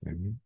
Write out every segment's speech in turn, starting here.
네.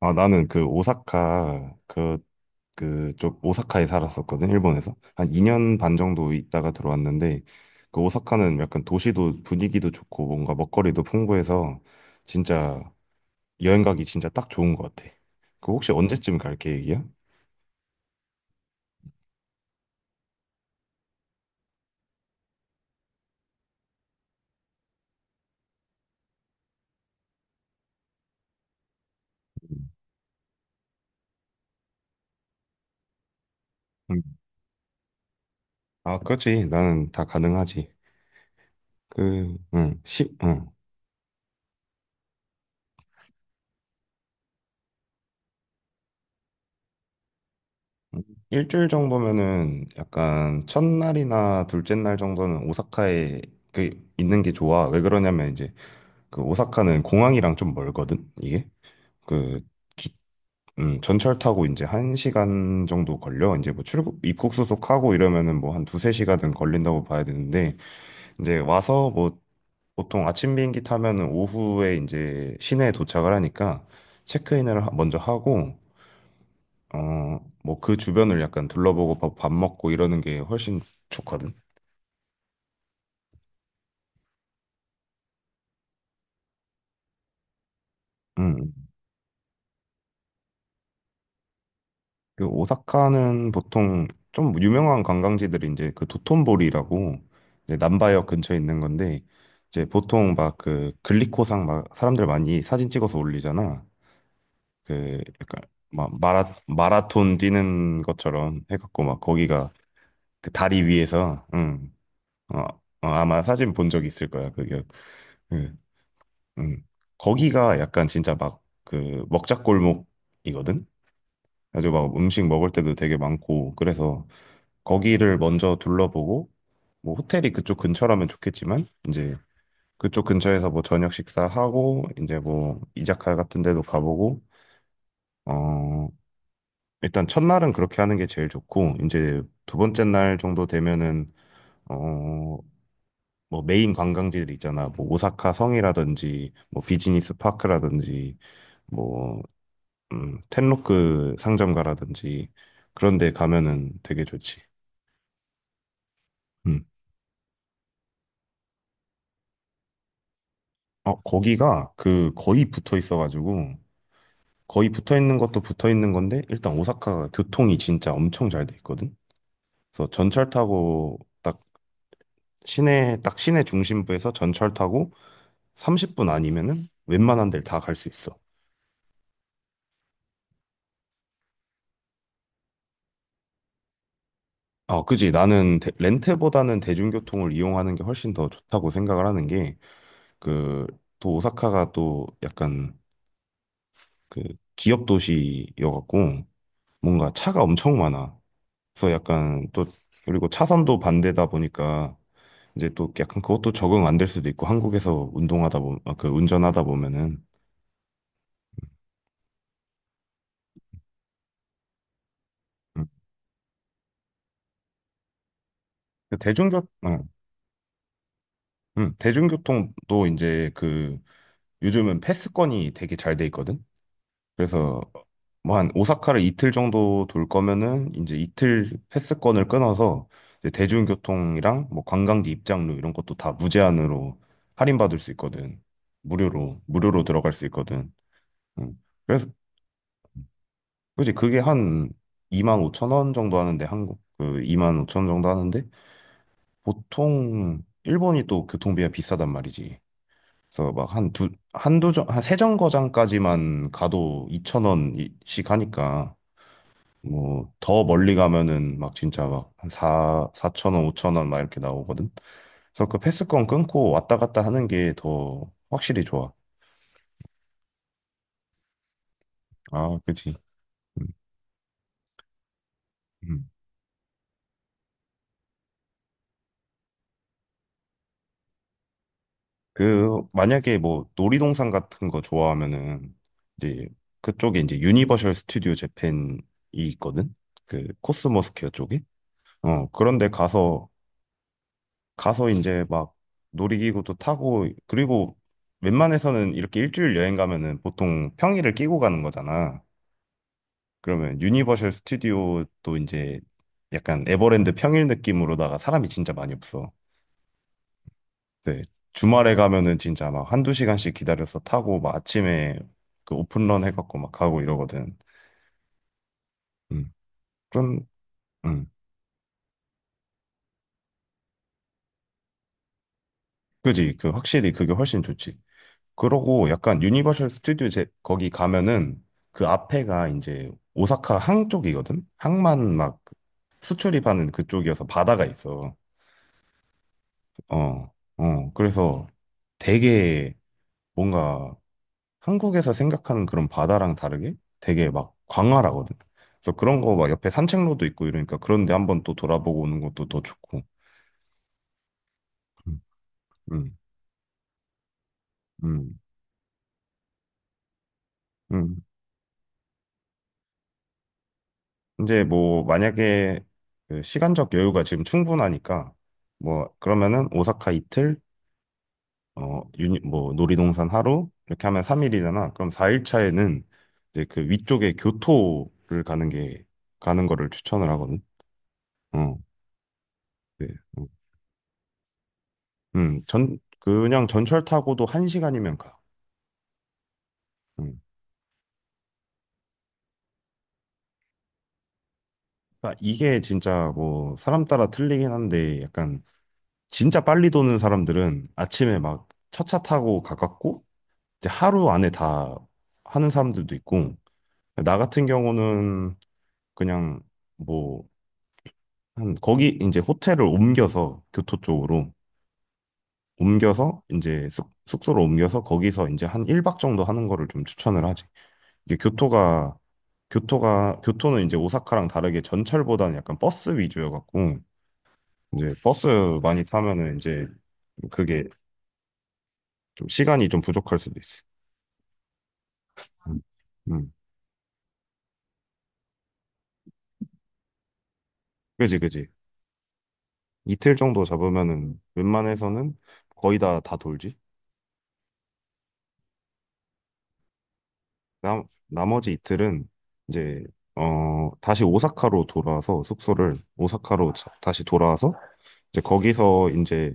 아, 나는 그 오사카 그쪽 오사카에 살았었거든, 일본에서. 한 2년 반 정도 있다가 들어왔는데 그 오사카는 약간 도시도 분위기도 좋고 뭔가 먹거리도 풍부해서 진짜 여행 가기 진짜 딱 좋은 것 같아. 그 혹시 언제쯤 갈 계획이야? 음. 아, 그렇지. 나는 다 가능하지. 그, 응, 시, 응. 응. 일주일 정도면은 약간 첫날이나 둘째 날 정도는 오사카에 그 있는 게 좋아. 왜 그러냐면 이제 그 오사카는 공항이랑 좀 멀거든, 이게. 그, 전철 타고 이제 한 시간 정도 걸려. 이제 뭐 출국, 입국 수속하고 이러면은 뭐 한 두세 시간은 걸린다고 봐야 되는데, 이제 와서 뭐 보통 아침 비행기 타면은 오후에 이제 시내에 도착을 하니까 체크인을 먼저 하고, 어, 뭐 그 주변을 약간 둘러보고 밥 먹고 이러는 게 훨씬 좋거든. 음. 그 오사카는 보통 좀 유명한 관광지들이 이제 그 도톤보리라고 이제 남바역 근처에 있는 건데 이제 보통 막 그 글리코상 막 사람들 많이 사진 찍어서 올리잖아. 그 약간 막 마라톤 뛰는 것처럼 해갖고 막 거기가 그 다리 위에서 응 어, 어, 아마 사진 본 적 있을 거야. 그게. 예. 음. 거기가 약간 진짜 막 그 먹자골목이거든. 아주 막 음식 먹을 때도 되게 많고 그래서 거기를 먼저 둘러보고 뭐 호텔이 그쪽 근처라면 좋겠지만 이제 그쪽 근처에서 뭐 저녁 식사하고 이제 뭐 이자카 같은 데도 가보고 어 일단 첫날은 그렇게 하는 게 제일 좋고 이제 두 번째 날 정도 되면은 어 뭐 메인 관광지들 있잖아. 뭐 오사카 성이라든지 뭐 비즈니스 파크라든지 뭐 텐로크 상점가라든지 그런 데 가면은 되게 좋지. 음. 어, 거기가 그 거의 붙어 있어가지고 거의 붙어 있는 것도 붙어 있는 건데 일단 오사카가 교통이 진짜 엄청 잘 돼 있거든. 그래서 전철 타고 딱 시내 딱 시내 중심부에서 전철 타고 30분 아니면은 웬만한 데를 다 갈 수 있어. 어, 그지. 나는 대- 렌트보다는 대중교통을 이용하는 게 훨씬 더 좋다고 생각을 하는 게, 그, 또 오사카가 또 약간 그 기업 도시여갖고 뭔가 차가 엄청 많아. 그래서 약간 또 그리고 차선도 반대다 보니까 이제 또 약간 그것도 적응 안 될 수도 있고 한국에서 운동하다 보면 그 운전하다 보면은 음. 그 대중교통도 이제 그 요즘은 패스권이 되게 잘 돼 있거든. 그래서 뭐 한 오사카를 이틀 정도 돌 거면은 이제 이틀 패스권을 끊어서 이제 대중교통이랑 뭐 관광지 입장료 이런 것도 다 무제한으로 할인받을 수 있거든. 무료로, 무료로 들어갈 수 있거든. 음. 그래서 그지 그게 한 2만 5천 원 정도 하는데 한국 그 이만 오천 원 정도 하는데 보통 일본이 또 교통비가 비싸단 말이지. 그래서 막 한 두, 한두 정, 한 세 정거장까지만 가도 2천 원씩 하니까 뭐 더 멀리 가면은 막 진짜 막 한 사 사천 원, 5천 원 막 이렇게 나오거든. 그래서 그 패스권 끊고 왔다 갔다 하는 게 더 확실히 좋아. 아, 그치. 음, 음. 그 만약에 뭐 놀이동산 같은 거 좋아하면은 이제 그쪽에 이제 유니버셜 스튜디오 재팬이 있거든. 그 코스모스퀘어 쪽에. 어, 그런데 가서 이제 막 놀이기구도 타고 그리고 웬만해서는 이렇게 일주일 여행 가면은 보통 평일을 끼고 가는 거잖아. 그러면 유니버셜 스튜디오도 이제 약간 에버랜드 평일 느낌으로다가 사람이 진짜 많이 없어. 네. 주말에 가면은 진짜 막 한두 시간씩 기다려서 타고 막 아침에 그 오픈런 해갖고 막 가고 이러거든. 음. 좀, 음. 그지. 그 확실히 그게 훨씬 좋지. 그러고 약간 유니버셜 스튜디오 거기 가면은 그 앞에가 이제 오사카 항 쪽이거든? 항만 막 수출입하는 그쪽이어서 바다가 있어. 어, 어. 그래서 되게 뭔가 한국에서 생각하는 그런 바다랑 다르게 되게 막 광활하거든. 그래서 그런 거 막 옆에 산책로도 있고 이러니까 그런데 한번 또 돌아보고 오는 것도 더 좋고. 음, 음, 음. 음. 이제 뭐 만약에 그 시간적 여유가 지금 충분하니까 뭐 그러면은 오사카 이틀, 어, 뭐 놀이동산 하루 이렇게 하면 3일이잖아. 그럼 4일 차에는 이제 그 위쪽에 교토를 가는 거를 추천을 하거든. 어. 네. 그냥 전철 타고도 한 시간이면 가. 음. 그러니까 이게 진짜 뭐 사람 따라 틀리긴 한데 약간 진짜 빨리 도는 사람들은 아침에 막 첫 차 타고 가깝고 이제 하루 안에 다 하는 사람들도 있고 나 같은 경우는 그냥 뭐 한 거기 이제 호텔을 옮겨서 교토 쪽으로 옮겨서 이제 숙소로 옮겨서 거기서 이제 한 1박 정도 하는 거를 좀 추천을 하지. 이제 교토가 교토가 교토는 이제 오사카랑 다르게 전철보다는 약간 버스 위주여갖고 이제 버스 많이 타면은 이제 그게 좀 시간이 좀 부족할 수도 있어. 음. 음. 그지 그지. 이틀 정도 잡으면은 웬만해서는 거의 다 돌지. 나 나머지 이틀은 이제 어 다시 오사카로 돌아와서 숙소를 오사카로 다시 돌아와서 이제 거기서 이제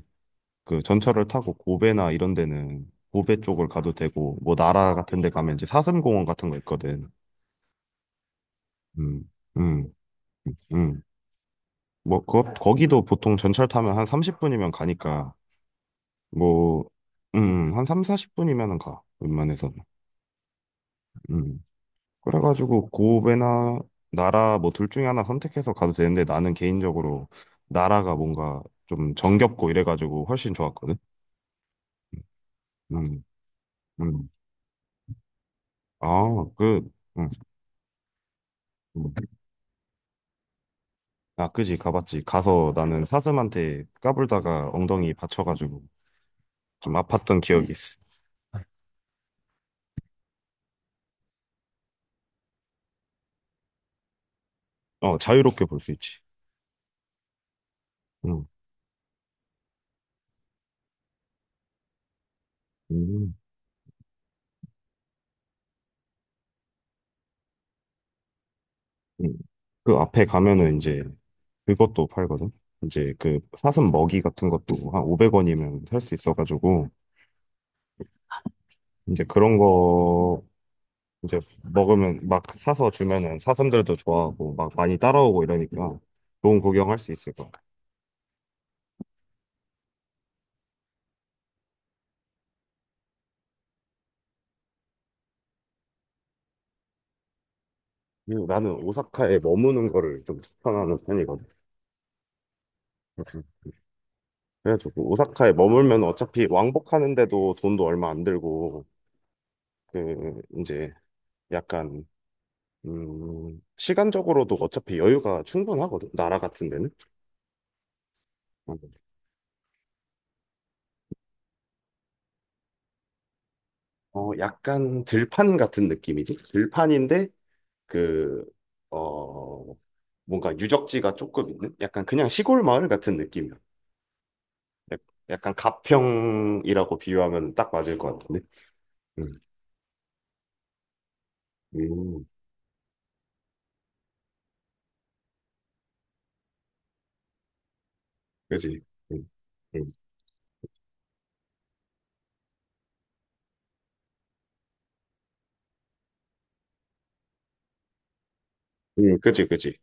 그 전철을 타고 고베나 이런 데는 고베 쪽을 가도 되고 뭐 나라 같은 데 가면 이제 사슴공원 같은 거 있거든. 음. 음. 음. 뭐 거기도 보통 전철 타면 한 30분이면 가니까 뭐 한 3, 40분이면은 가. 웬만해서는. 음. 그래가지고 고베나 나라 뭐 둘 중에 하나 선택해서 가도 되는데 나는 개인적으로 나라가 뭔가 좀 정겹고 이래가지고 훨씬 좋았거든. 음. 음. 아, 그 음. 음. 아, 그지, 가봤지. 가서 나는 사슴한테 까불다가 엉덩이 받쳐가지고 좀 아팠던 기억이 있어. 어, 자유롭게 볼 수 있지. 응. 음. 음. 그 앞에 가면은 이제 그것도 팔거든. 이제 그 사슴 먹이 같은 것도 한 500원이면 살 수 있어가지고 이제 그런 거 이제 먹으면 막 사서 주면은 사슴들도 좋아하고 막 많이 따라오고 이러니까 좋은 구경할 수 있을 것 같아. 그리고 나는 오사카에 머무는 거를 좀 추천하는 편이거든. 그래가지고 그 오사카에 머물면 어차피 왕복하는데도 돈도 얼마 안 들고 그 이제 약간 시간적으로도 어차피 여유가 충분하거든 나라 같은 데는 어 약간 들판 같은 느낌이지 들판인데 그어 뭔가 유적지가 조금 있는 약간 그냥 시골 마을 같은 느낌이야 약- 약간 가평이라고 비유하면 딱 맞을 것 같은데 음, 음 그지 음, 음, 그지 그지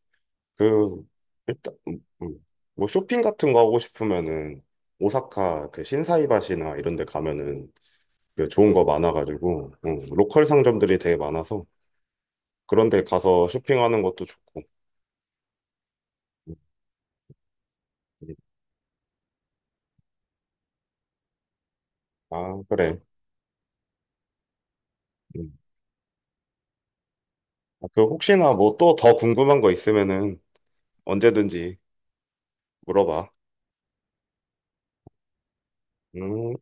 그 일단 뭐 쇼핑 같은 거 하고 싶으면은 오사카 그 신사이바시나 이런 데 가면은 그 좋은 거 많아가지고 로컬 상점들이 되게 많아서 그런 데 가서 쇼핑하는 것도 좋고 음, 음. 아 그래 음. 아, 그 혹시나 뭐 또 더 궁금한 거 있으면은 언제든지 물어봐 음